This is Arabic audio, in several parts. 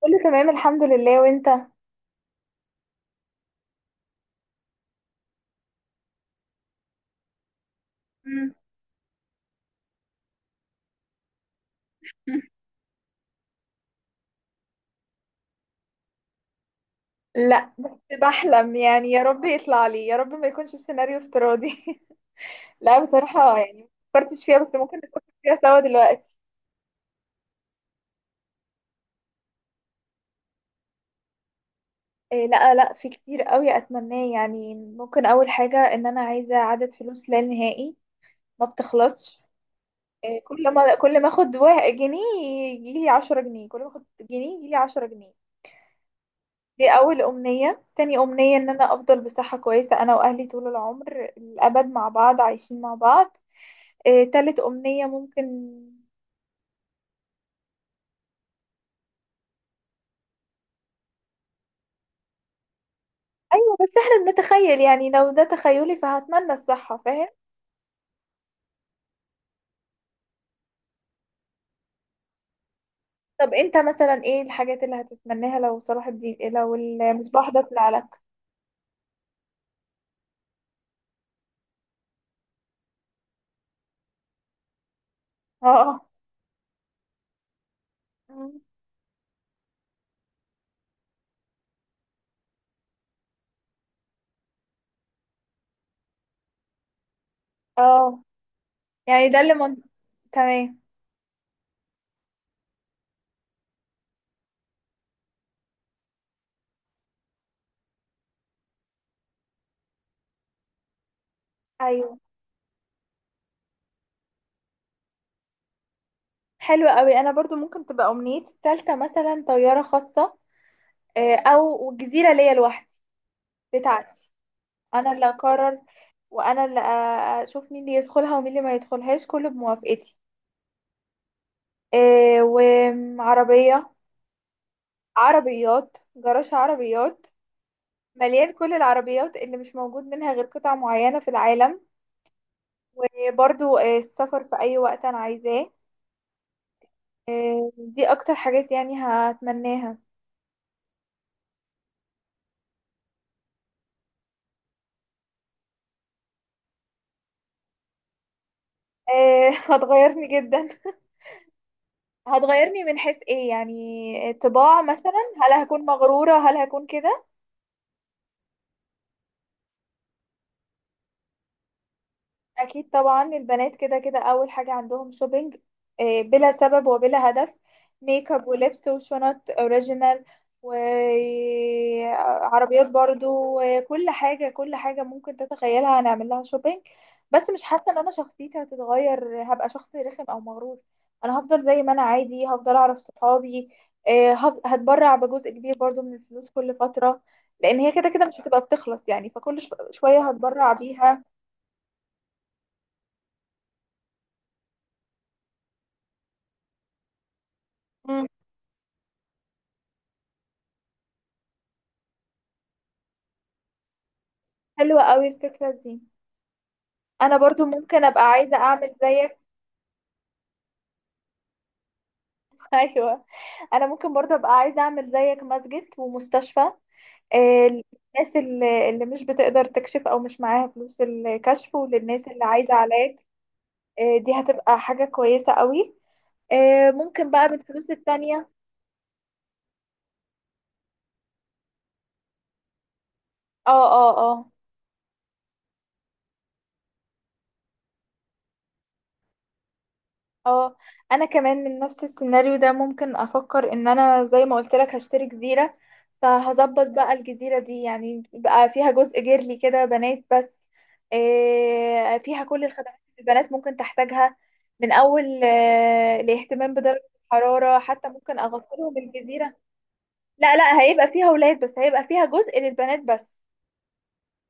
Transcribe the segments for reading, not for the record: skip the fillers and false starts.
كله تمام، الحمد لله. وانت؟ مم. مم. لا، بس بحلم، يعني يا رب يطلع لي، يا رب ما يكونش السيناريو افتراضي. لا، بصراحة يعني ما فكرتش فيها، بس ممكن نفكر فيها سوا دلوقتي. إيه، لا لا، في كتير قوي اتمناه. يعني ممكن اول حاجة، ان انا عايزة عدد فلوس لا نهائي، ما بتخلصش. إيه، كل ما اخد جنيه يجيلي 10 جنيه، كل ما اخد جنيه يجيلي 10 جنيه. دي أول أمنية. تاني أمنية، إن أنا أفضل بصحة كويسة أنا وأهلي طول العمر الأبد مع بعض، عايشين مع بعض. تالت أمنية ممكن. أيوة، بس إحنا بنتخيل، يعني لو ده تخيلي فهتمنى الصحة، فاهم؟ طب أنت مثلا، إيه الحاجات اللي هتتمناها لو صلاح الدين، لو المصباح ده طلع لك؟ اه. مم. اه. يعني ده اللي من... تمام. أيوة، حلو قوي. أنا برضو ممكن تبقى أمنيتي التالتة مثلا طيارة خاصة، أو جزيرة ليا لوحدي، بتاعتي. انا اللي اقرر، وانا اللي اشوف مين اللي يدخلها ومين اللي ما يدخلهاش، كله بموافقتي. إيه، وعربية، عربيات، جراج عربيات مليان كل العربيات اللي مش موجود منها غير قطع معينة في العالم. وبرضو السفر في اي وقت انا عايزاه. دي اكتر حاجات يعني هتمناها. إيه، هتغيرني جدا. هتغيرني من حيث ايه، يعني طباع مثلا؟ هل هكون مغرورة، هل هكون كده؟ اكيد طبعا، البنات كده كده اول حاجه عندهم شوبينج، بلا سبب وبلا هدف. ميك اب ولبس وشنط اوريجينال وعربيات برضو، وكل حاجه كل حاجه ممكن تتخيلها هنعمل لها شوبينج. بس مش حاسه ان انا شخصيتي هتتغير، هبقى شخص رخم او مغرور. انا هفضل زي ما انا عادي، هفضل اعرف صحابي. هتبرع بجزء كبير برضو من الفلوس كل فتره، لان هي كده كده مش هتبقى بتخلص، يعني فكل شويه هتبرع بيها. حلوة قوي الفكرة دي. انا برضو ممكن ابقى عايزة اعمل زيك. ايوه. انا ممكن برضو ابقى عايزة اعمل زيك، مسجد ومستشفى، آه، للناس اللي مش بتقدر تكشف او مش معاها فلوس الكشف، وللناس اللي عايزة علاج. دي هتبقى حاجة كويسة قوي. ممكن بقى بالفلوس التانية. اه، اه، اه، اه. انا كمان من نفس السيناريو ده، ممكن افكر ان انا زي ما قلت لك هشتري جزيرة. فهظبط بقى الجزيرة دي، يعني بقى فيها جزء جيرلي كده، بنات بس. إيه، فيها كل الخدمات اللي البنات ممكن تحتاجها، من اول الاهتمام بدرجة الحرارة، حتى ممكن اغطي لهم الجزيرة. لا لا، هيبقى فيها ولاد، بس هيبقى فيها جزء للبنات بس.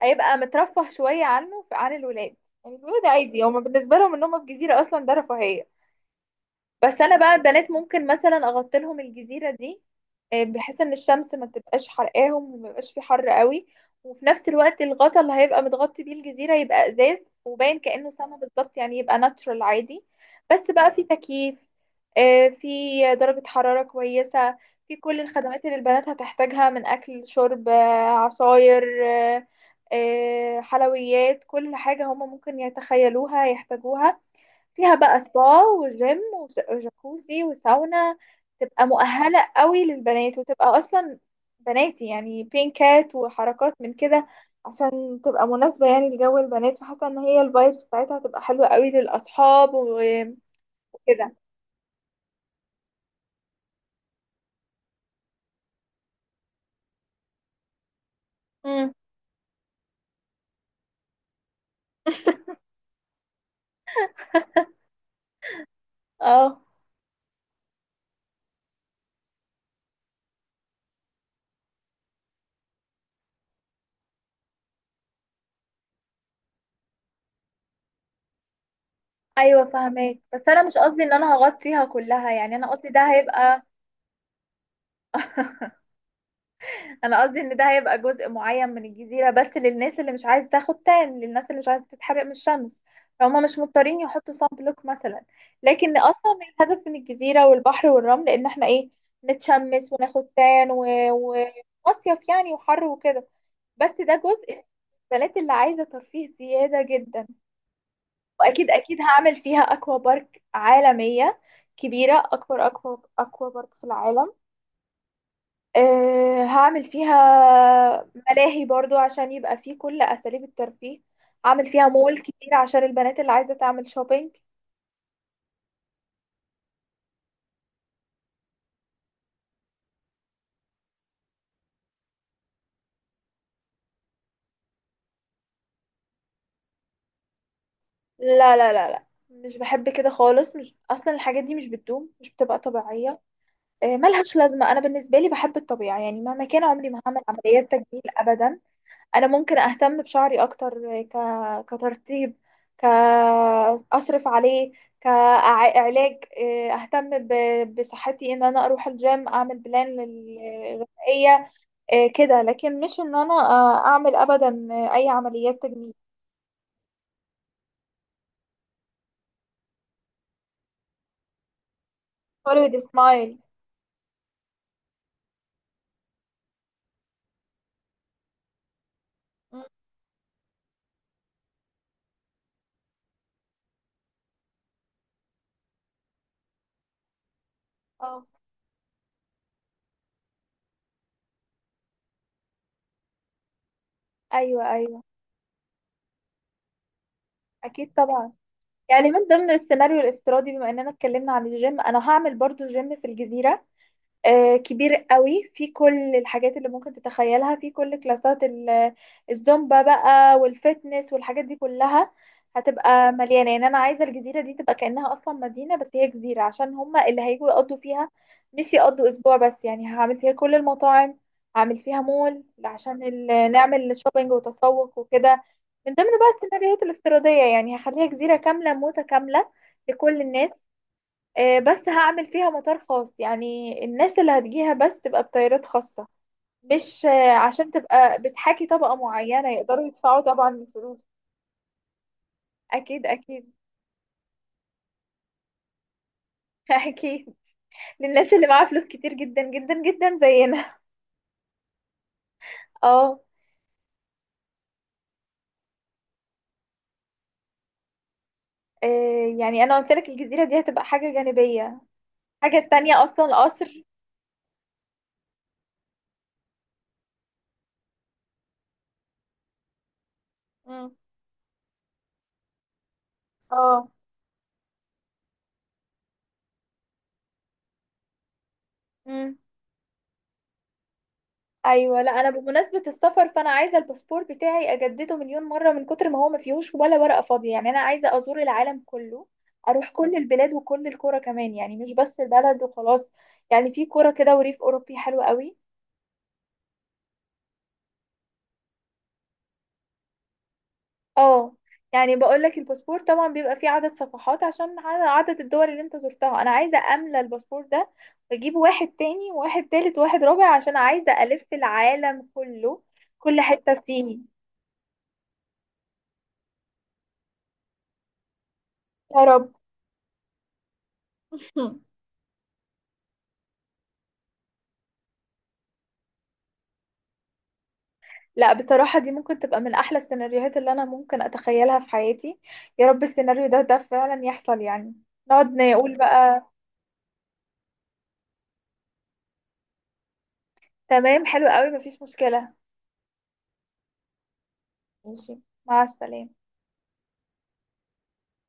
هيبقى مترفه شوية عن الولاد. يعني الولاد عادي، هما بالنسبة لهم ان هما في جزيرة اصلا ده رفاهية. بس انا بقى البنات، ممكن مثلا اغطلهم الجزيره دي، بحيث ان الشمس ما تبقاش حرقاهم وما يبقاش في حر قوي. وفي نفس الوقت، الغطا اللي هيبقى متغطي بيه الجزيره يبقى ازاز، وباين كانه سما بالظبط، يعني يبقى ناتشورال عادي. بس بقى في تكييف، في درجه حراره كويسه، في كل الخدمات اللي البنات هتحتاجها، من اكل، شرب، عصاير، حلويات، كل حاجه هما ممكن يتخيلوها يحتاجوها. فيها بقى سبا، وجيم، وجاكوزي، وساونا. تبقى مؤهلة قوي للبنات، وتبقى أصلا بناتي، يعني بينكات وحركات من كده، عشان تبقى مناسبة يعني لجو البنات. فحاسة ان هي الفايبس بتاعتها هتبقى حلوة قوي للأصحاب وكده. امم اه، ايوه، فاهمك. بس انا مش قصدي ان انا هغطيها كلها، يعني انا قصدي ده هيبقى... انا قصدي ان ده هيبقى جزء معين من الجزيرة بس، للناس اللي مش عايز تاخد تان، للناس اللي مش عايزة تتحرق من الشمس، فهم مش مضطرين يحطوا صن بلوك مثلا. لكن اصلا الهدف من الجزيرة والبحر والرمل ان احنا ايه؟ نتشمس وناخد تان ومصيف ومصيف، يعني وحر وكده. بس ده جزء البنات اللي عايزة ترفيه زيادة جدا. واكيد اكيد هعمل فيها اكوا بارك عالمية كبيرة، اكبر اكوا بارك في العالم. هعمل فيها ملاهي برضو عشان يبقى فيه كل أساليب الترفيه. هعمل فيها مول كتير عشان البنات اللي عايزة تعمل شوبينج. لا لا لا لا، مش بحب كده خالص. مش أصلا، الحاجات دي مش بتدوم، مش بتبقى طبيعية، ملهاش لازمة. أنا بالنسبة لي بحب الطبيعة، يعني مهما كان عمري ما هعمل عمليات تجميل أبدا. انا ممكن اهتم بشعري اكتر، كترطيب، ك اصرف عليه، كعلاج. اهتم بصحتي، ان انا اروح الجيم، اعمل بلان غذائيه. إيه كده، لكن مش ان انا اعمل ابدا اي عمليات تجميل. Follow the smile. مم. اه، ايوه، ايوه. اكيد طبعا. يعني من ضمن السيناريو الافتراضي، بما اننا اتكلمنا عن الجيم، انا هعمل برضو جيم في الجزيره، كبير قوي، في كل الحاجات اللي ممكن تتخيلها، في كل كلاسات الزومبا بقى، والفتنس والحاجات دي كلها. هتبقى مليانة، يعني أنا عايزة الجزيرة دي تبقى كأنها أصلا مدينة، بس هي جزيرة، عشان هما اللي هيجوا يقضوا فيها مش يقضوا أسبوع بس. يعني هعمل فيها كل المطاعم، هعمل فيها مول عشان نعمل شوبينج وتسوق وكده. من ضمن بقى السيناريوهات الافتراضية، يعني هخليها جزيرة كاملة متكاملة لكل الناس، بس هعمل فيها مطار خاص، يعني الناس اللي هتجيها بس تبقى بطيارات خاصة، مش عشان تبقى بتحاكي طبقة معينة يقدروا يدفعوا طبعا الفلوس. أكيد أكيد. أكيد، للناس اللي معاها فلوس كتير جدا جدا جدا زينا. اه. يعني أنا قلت لك الجزيرة دي هتبقى حاجة جانبية، حاجة تانية أصلا القصر. مم. اه. مم. ايوه. لا، انا بمناسبه السفر فانا عايزه الباسبور بتاعي اجدده مليون مره من كتر ما هو ما فيهوش ولا ورقه فاضيه. يعني انا عايزه ازور العالم كله، اروح كل البلاد وكل القرى كمان، يعني مش بس البلد وخلاص. يعني في قرى كده وريف اوروبي حلو قوي. اه، يعني بقول لك الباسبور طبعا بيبقى فيه عدد صفحات عشان عدد الدول اللي انت زرتها. انا عايزه املى الباسبور ده، واجيب واحد تاني وواحد تالت وواحد رابع، عشان عايزه الف العالم كله، كل حته فيه. يا رب. لا، بصراحة دي ممكن تبقى من أحلى السيناريوهات اللي أنا ممكن أتخيلها في حياتي. يا رب السيناريو ده فعلا يحصل يعني، نقعد نقول بقى. تمام، حلو قوي، مفيش مشكلة. ماشي. مع السلامة.